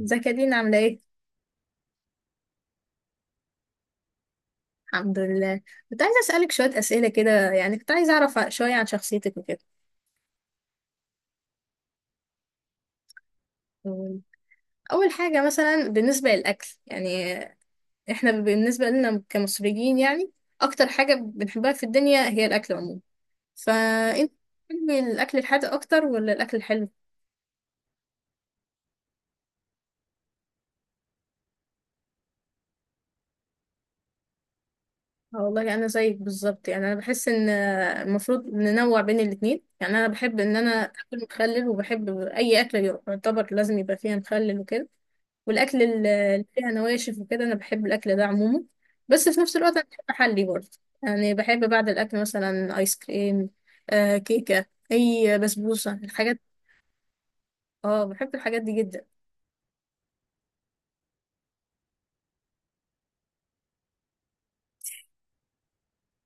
ازيك يا دينا عاملة ايه؟ الحمد لله. كنت عايزة أسألك شوية أسئلة كده، يعني كنت عايزة أعرف شوية عن شخصيتك وكده. أول حاجة مثلا بالنسبة للأكل، يعني احنا بالنسبة لنا كمصريين يعني أكتر حاجة بنحبها في الدنيا هي الأكل عموما. فأنت بتحبي الأكل الحادق أكتر ولا الأكل الحلو؟ اه والله أنا زيك بالظبط، يعني أنا بحس إن المفروض ننوع بين الاتنين. يعني أنا بحب إن أنا آكل مخلل وبحب أي أكل يعتبر لازم يبقى فيها مخلل وكده. والاكل اللي فيها نواشف وكده انا بحب الاكل ده عموما. بس في نفس الوقت انا بحب احلي برضه. يعني بحب بعد الاكل مثلا ايس كريم، آه كيكه، اي بسبوسه، الحاجات. اه بحب الحاجات دي جدا.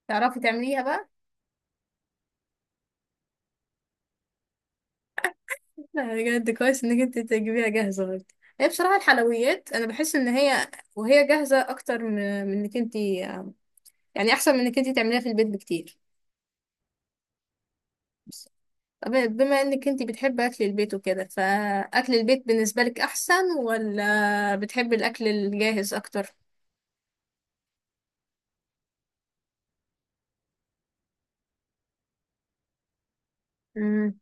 تعرفي تعمليها بقى؟ لا، بجد كويس انك انت تجيبيها جاهزه برضه. هي بصراحه الحلويات انا بحس ان هي وهي جاهزه اكتر من انك انت، يعني احسن من انك انت تعمليها في البيت بكتير. طب بما انك انت بتحبي اكل البيت وكده، فاكل البيت بالنسبه لك احسن ولا بتحبي الاكل الجاهز اكتر؟ امم،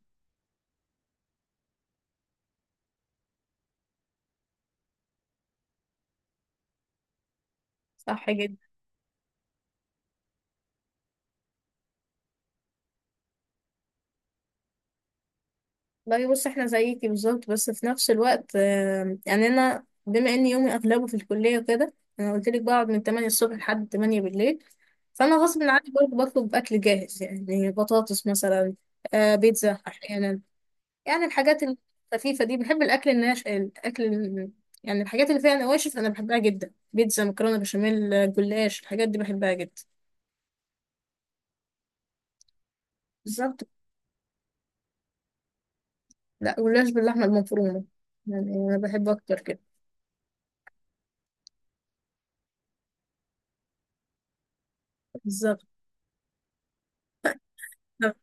صح جدا. لا بص احنا زيكي بالظبط، بس في نفس الوقت يعني انا بما ان يومي اغلبه في الكليه وكده، انا قلت لك بقعد من 8 الصبح لحد 8 بالليل. فانا غصب عني برضه بطلب اكل جاهز، يعني بطاطس مثلا، آه بيتزا احيانا. يعني الحاجات الخفيفة دي بحب الأكل الناش، الأكل يعني الحاجات اللي فيها نواشف أنا بحبها جدا. بيتزا، مكرونة بشاميل، جلاش، الحاجات دي بحبها جدا. بالظبط. لا جلاش باللحمة المفرومة، يعني أنا بحب أكتر كده. بالظبط. طب،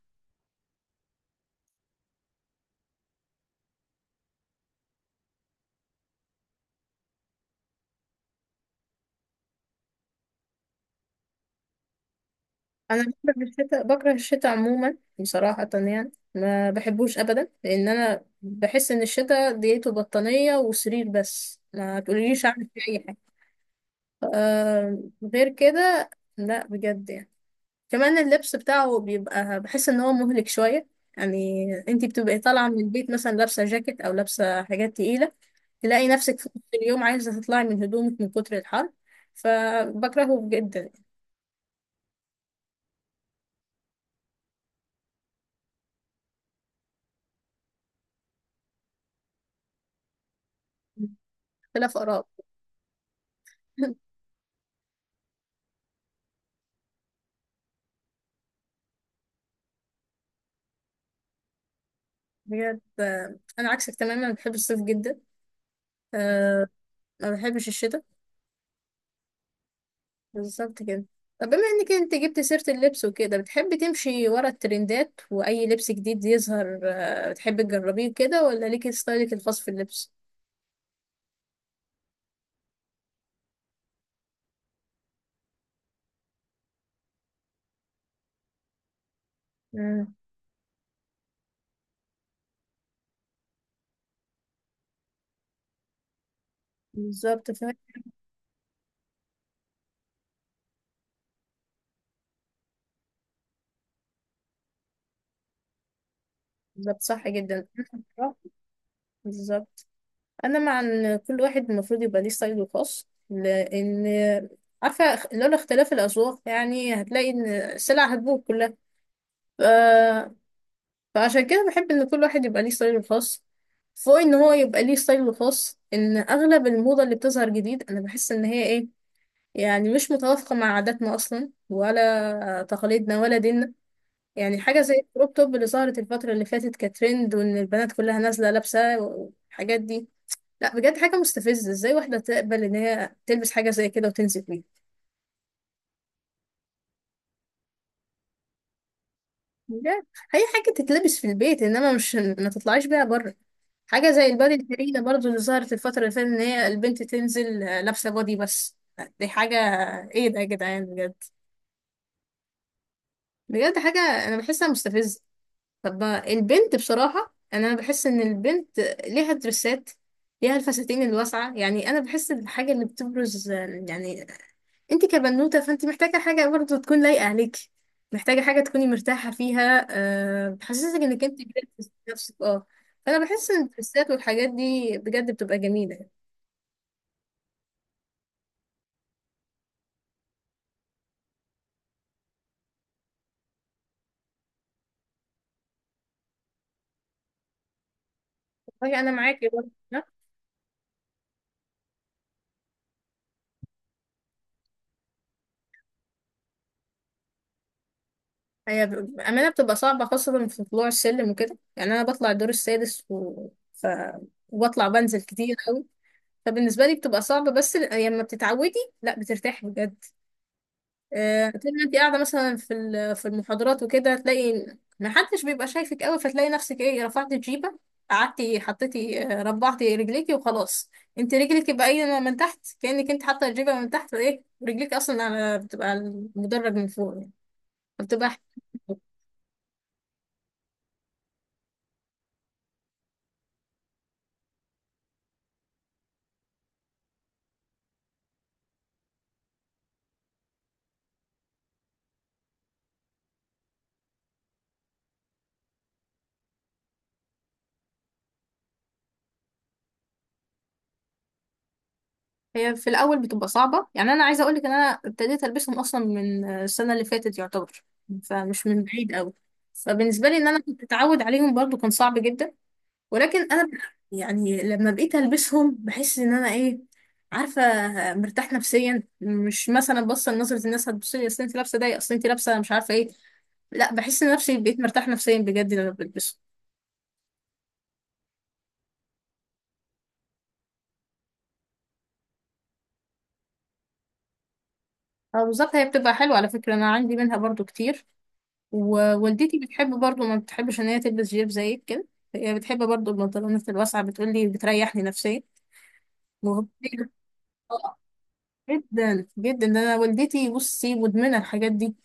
أنا بكره الشتاء، بكره الشتاء عموما بصراحة. يعني ما بحبوش أبدا، لأن أنا بحس إن الشتاء ديته بطانية وسرير بس، ما تقوليليش أعمل فيه أي حاجة. آه غير كده، لا بجد يعني كمان اللبس بتاعه بيبقى، بحس ان هو مهلك شوية. يعني انتي بتبقي طالعة من البيت مثلا لابسة جاكيت او لابسة حاجات تقيلة، تلاقي نفسك في نص اليوم عايزة تطلعي من هدومك من كتر الحر. فبكرهه جدا. اختلاف آراء. بجد آه، أنا عكسك تماما، بحب الصيف جدا. أه ما بحبش الشتاء. بالظبط كده. طب بما إنك أنت جبت سيرة اللبس وكده، بتحبي تمشي ورا الترندات وأي لبس جديد يظهر أه بتحبي تجربيه كده، ولا ليكي ستايلك الخاص في اللبس؟ بالظبط، فاهم. بالظبط، صح جدا. أنا بصراحة- بالظبط. انا مع ان كل واحد المفروض يبقى ليه ستايله الخاص، لان عارفه لولا اختلاف الاذواق يعني هتلاقي ان السلع هتبوظ كلها. ف... فعشان كده بحب ان كل واحد يبقى ليه ستايله الخاص. فوق ان هو يبقى ليه ستايله الخاص، ان اغلب الموضه اللي بتظهر جديد انا بحس ان هي ايه، يعني مش متوافقه مع عاداتنا اصلا ولا تقاليدنا ولا ديننا. يعني حاجة زي الكروب توب اللي ظهرت الفترة اللي فاتت كترند، وإن البنات كلها نازلة لابسة والحاجات دي، لا بجد حاجة مستفزة. إزاي واحدة تقبل إن هي تلبس حاجة زي كده وتنزل بيها؟ بجد، هي حاجة تتلبس في البيت، إنما مش ما تطلعيش بيها بره. حاجة زي البادي الفريدة برضو اللي ظهرت الفترة اللي فاتت، إن هي البنت تنزل آه، لابسة بادي بس. دي حاجة، إيه ده يا جدعان بجد؟ بجد حاجة أنا بحسها مستفزة. طب البنت بصراحة أنا بحس إن البنت ليها درسات، ليها الفساتين الواسعة. يعني أنا بحس الحاجة اللي بتبرز، يعني أنت كبنوتة فأنت محتاجة حاجة برضه تكون لايقة عليكي، محتاجة حاجة تكوني مرتاحة فيها، أه بتحسسك إنك أنت كبرت في نفسك أه. فأنا بحس إن الدرسات والحاجات دي بجد بتبقى جميلة. والله أنا معاكي برضه. ها؟ هي بأمانة بتبقى صعبة خاصة في طلوع السلم وكده. يعني أنا بطلع الدور السادس ف... وبطلع بنزل كتير أوي. فبالنسبه لي بتبقى صعبه، بس لما بتتعودي لا بترتاحي بجد. آه، طول ما انت قاعده مثلا في في المحاضرات وكده، تلاقي ما حدش بيبقى شايفك قوي، فتلاقي نفسك ايه رفعتي الجيبه، قعدتي حطيتي آه، ربعتي رجليكي وخلاص. انت رجلك يبقى ايه من تحت، كانك انت حاطه الجيبه من تحت ايه، رجليك اصلا على بتبقى على المدرج من فوق يعني، بتبقى. هي في الاول بتبقى صعبه، يعني انا عايزه اقولك ان انا ابتديت البسهم اصلا من السنه اللي فاتت يعتبر، فمش من بعيد قوي. فبالنسبه لي ان انا كنت اتعود عليهم برضو كان صعب جدا، ولكن انا يعني لما بقيت البسهم بحس ان انا ايه، عارفه، مرتاح نفسيا. مش مثلا بص نظره الناس هتبص لي، اصل انت لابسه ده، اصل انت لابسه مش عارفه ايه، لا بحس ان نفسي بقيت مرتاح نفسيا بجد لما بلبسهم. اه بالظبط، هي بتبقى حلوه على فكره، انا عندي منها برضو كتير. ووالدتي بتحب برضو، ما بتحبش ان هي تلبس جيب زيك كده، هي بتحب برضو البنطلونات الواسعه، بتقولي بتريحني نفسيا. وهو- آه، جدا جدا، ده انا والدتي بصي مدمنه الحاجات دي.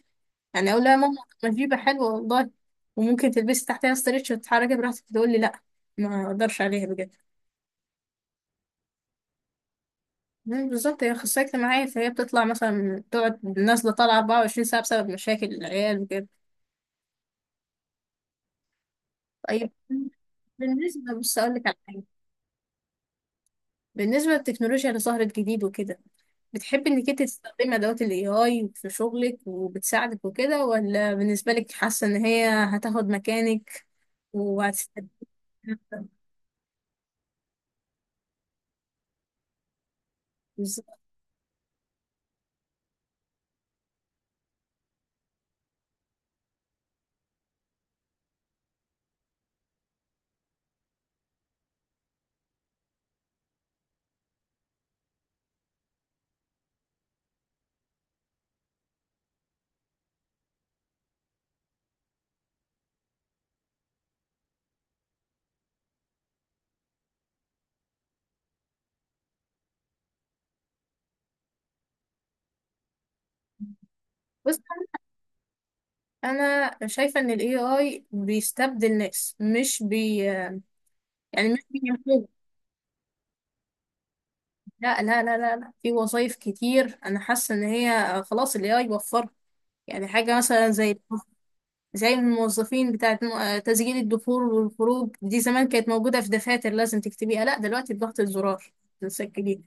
يعني اقول لها ماما ما جيبه حلوه والله، وممكن تلبسي تحتها ستريتش وتتحركي براحتك، تقول لي لا ما اقدرش عليها بجد. مم، بالظبط، هي اخصائيه اجتماعيه، فهي بتطلع مثلا تقعد نازله طالعه 24 ساعه بسبب مشاكل العيال وكده. طيب بالنسبه، بص اقول لك على حاجه، بالنسبه للتكنولوجيا اللي ظهرت جديد وكده، بتحبي انك انت تستخدمي ادوات الاي اي في شغلك وبتساعدك وكده، ولا بالنسبه لك حاسه ان هي هتاخد مكانك وهتستبدلك؟ بالظبط. بص انا شايفه ان الاي اي بيستبدل ناس، مش بي يعني مش بينفذ. لا لا لا لا لا، في وظايف كتير انا حاسه ان هي خلاص الاي اي وفرها. يعني حاجه مثلا زي، زي الموظفين بتاعه تسجيل الدخول والخروج، دي زمان كانت موجوده في دفاتر لازم تكتبيها، لا دلوقتي بضغط الزرار تسجليها.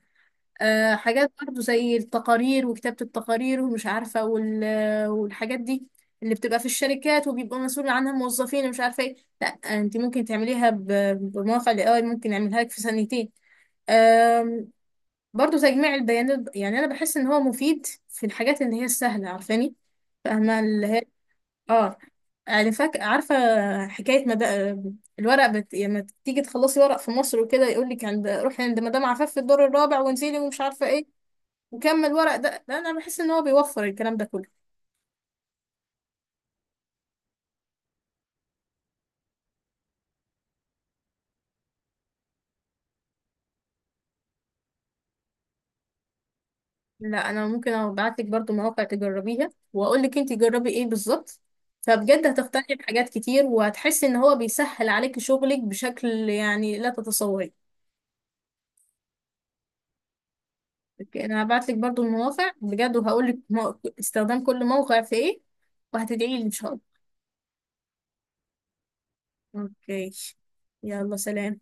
آه، حاجات برضو زي التقارير وكتابة التقارير ومش عارفة والحاجات دي اللي بتبقى في الشركات وبيبقى مسؤول عنها موظفين ومش عارفة ايه، لا انت ممكن تعمليها بمواقع الاي اي، ممكن يعملها لك في ثانيتين. آم، برضو تجميع البيانات، يعني انا بحس ان هو مفيد في الحاجات اللي هي السهلة، عارفاني فاهمة اللي هي، اه يعني فاك عارفة. حكاية مد... الورق لما تيجي تخلصي ورق في مصر وكده يقول لك عند، روحي عند مدام عفاف في الدور الرابع وانزلي ومش عارفة ايه وكمل ورق ده، لا انا بحس ان هو بيوفر الكلام ده كله. لا انا ممكن ابعت لك برضو مواقع تجربيها، واقول لك انت جربي ايه بالظبط، فبجد هتقتنعي بحاجات كتير، وهتحسي ان هو بيسهل عليك شغلك بشكل يعني لا تتصوري. اوكي، انا هبعت لك برضو المواقع بجد، وهقول لك استخدام كل موقع في ايه، وهتدعي لي ان شاء الله. اوكي، يلا سلام.